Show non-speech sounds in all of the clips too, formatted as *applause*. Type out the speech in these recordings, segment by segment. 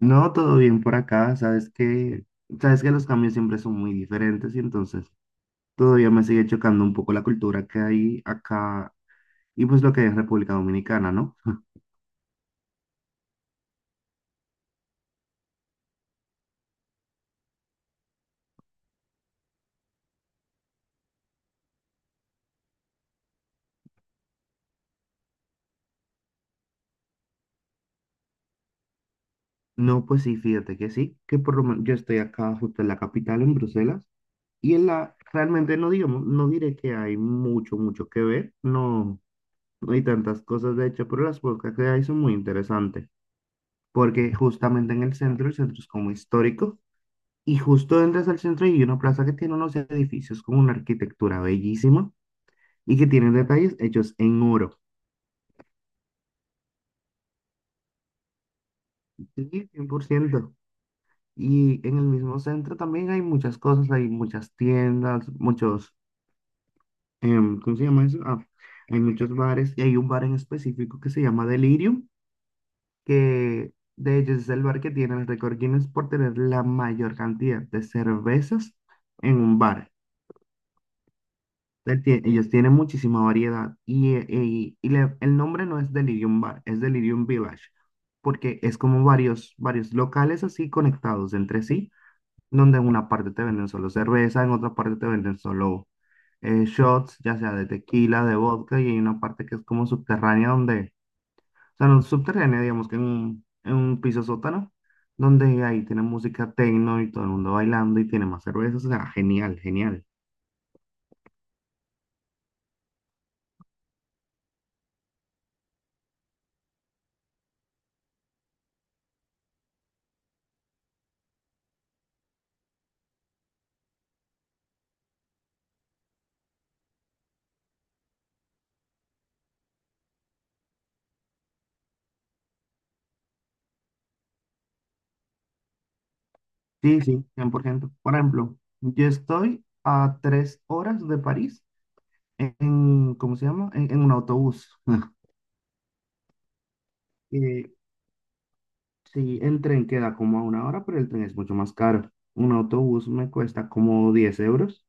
No, todo bien por acá. Sabes que los cambios siempre son muy diferentes y entonces todavía me sigue chocando un poco la cultura que hay acá y pues lo que hay en República Dominicana, ¿no? *laughs* No, pues sí, fíjate que sí, que por lo menos yo estoy acá justo en la capital, en Bruselas, y realmente no diré que hay mucho, mucho que ver, no, no hay tantas cosas de hecho, pero las pocas que hay son muy interesantes, porque justamente en el centro es como histórico. Y justo entras al centro y hay una plaza que tiene unos edificios con una arquitectura bellísima y que tienen detalles hechos en oro. Sí, 100%. Y en el mismo centro también hay muchas cosas, hay muchas tiendas, muchos, ¿cómo se llama eso? Ah, hay muchos bares y hay un bar en específico que se llama Delirium, que de hecho es el bar que tiene el récord Guinness por tener la mayor cantidad de cervezas en un bar. Ellos tienen muchísima variedad y el nombre no es Delirium Bar, es Delirium Village, porque es como varios, varios locales así conectados entre sí, donde en una parte te venden solo cerveza, en otra parte te venden solo shots, ya sea de tequila, de vodka, y hay una parte que es como subterránea donde, o sea, no subterránea, digamos que en un, piso sótano, donde ahí tienen música techno y todo el mundo bailando y tiene más cervezas, o sea, genial, genial. Sí, sí, 100%. Por ejemplo, yo estoy a 3 horas de París ¿cómo se llama? En un autobús. *laughs* Eh, sí, el tren queda como a una hora, pero el tren es mucho más caro. Un autobús me cuesta como 10 euros.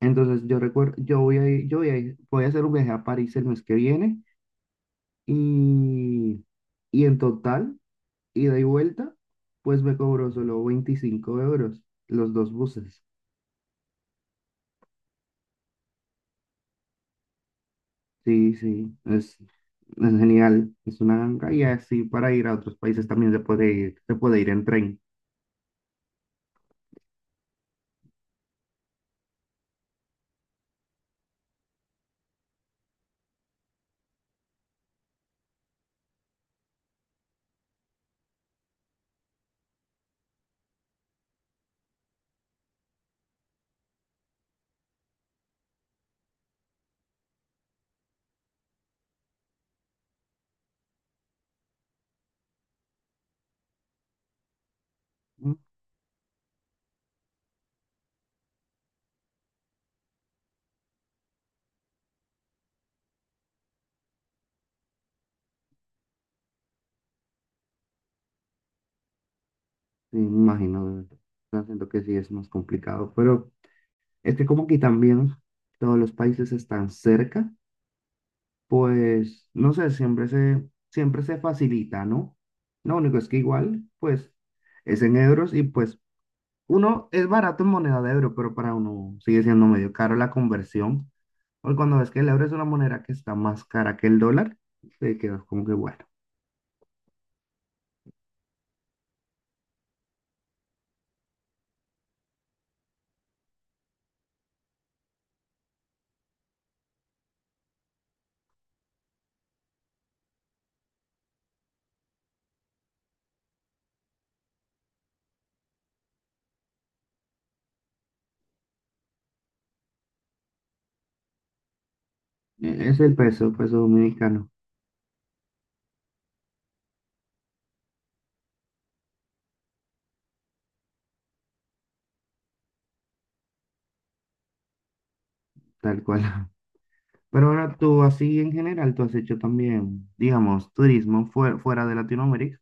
Entonces yo recuerdo, yo voy a, ir- yo voy a, ir- voy a hacer un viaje a París el mes que viene y, y, en total, ida y vuelta, pues me cobró solo 25 euros los dos buses. Sí, sí, es genial. Es una ganga y así para ir a otros países también se puede ir en tren. Mm. Sí, me imagino, de verdad. O sea, siento que sí es más complicado, pero es que como aquí también todos los países están cerca, pues no sé, siempre se facilita, ¿no? Lo único es que igual, pues es en euros y pues uno es barato en moneda de euro, pero para uno sigue siendo medio caro la conversión. Hoy cuando ves que el euro es una moneda que está más cara que el dólar, te quedas como que bueno. Es el peso, peso dominicano. Tal cual. *laughs* Pero ahora tú así en general, tú has hecho también, digamos, turismo fuera, fuera de Latinoamérica.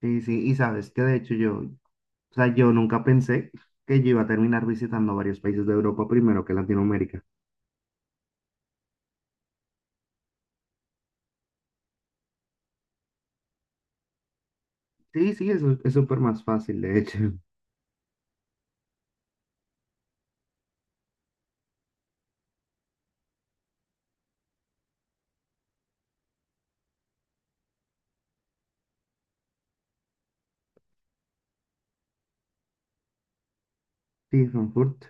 Sí, sí, y sabes que de hecho yo, o sea, yo nunca pensé que yo iba a terminar visitando varios países de Europa primero que Latinoamérica. Sí, sí, eso es súper más fácil, de hecho. *laughs* Sí, Frankfurt.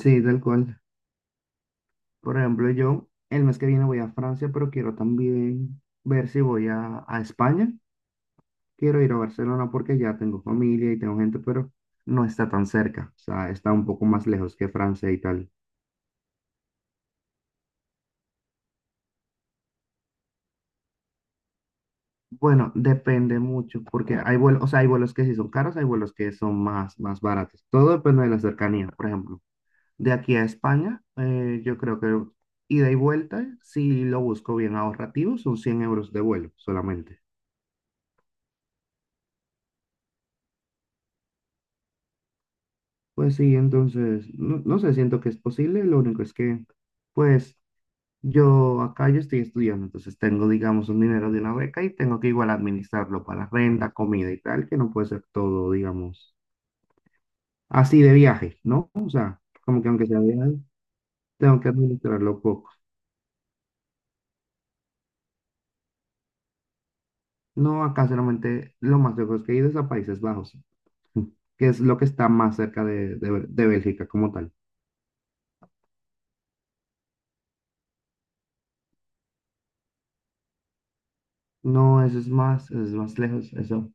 Sí, tal cual. Por ejemplo, yo el mes que viene voy a Francia, pero quiero también ver si voy a España. Quiero ir a Barcelona porque ya tengo familia y tengo gente, pero no está tan cerca. O sea, está un poco más lejos que Francia y tal. Bueno, depende mucho porque hay vuelos, o sea, hay vuelos que sí son caros, hay vuelos que son más, más baratos. Todo depende de la cercanía. Por ejemplo, de aquí a España, yo creo que ida y vuelta, si lo busco bien ahorrativo, son 100 euros de vuelo solamente. Pues sí, entonces, no, no sé, siento que es posible, lo único es que, pues, yo acá yo estoy estudiando, entonces tengo, digamos, un dinero de una beca y tengo que igual administrarlo para renta, comida y tal, que no puede ser todo, digamos, así de viaje, ¿no? O sea, como que aunque sea de viaje, tengo que administrarlo poco. No, acá solamente lo más lejos que he ido es a Países Bajos, que es lo que está más cerca de, de Bélgica como tal. No, eso es más lejos, eso.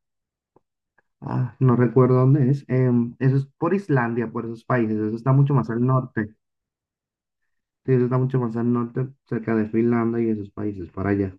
Ah, no recuerdo dónde es. Eso es por Islandia, por esos países. Eso está mucho más al norte. Sí, eso está mucho más al norte, cerca de Finlandia y esos países, para allá.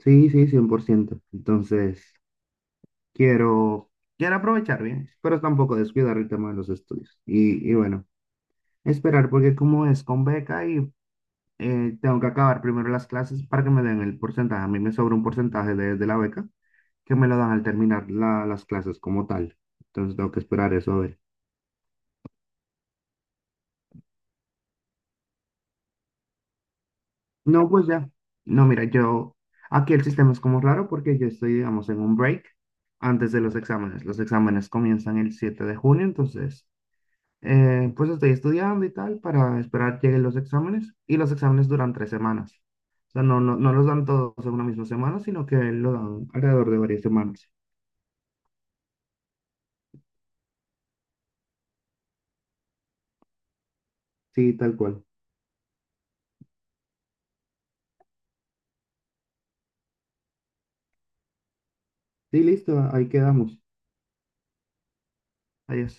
Sí, sí, cien por ciento. Entonces, quiero, quiero, aprovechar bien, pero tampoco descuidar el tema de los estudios. Y bueno, esperar porque como es con beca y tengo que acabar primero las clases para que me den el porcentaje. A mí me sobra un porcentaje de la beca que me lo dan al terminar las clases como tal. Entonces, tengo que esperar eso a ver. No, pues ya. No, mira, aquí el sistema es como raro porque yo estoy, digamos, en un break antes de los exámenes. Los exámenes comienzan el 7 de junio, entonces, pues estoy estudiando y tal para esperar que lleguen los exámenes y los exámenes duran 3 semanas. O sea, no, no, no los dan todos en una misma semana, sino que lo dan alrededor de varias semanas. Sí, tal cual. Sí, listo, ahí quedamos. Adiós.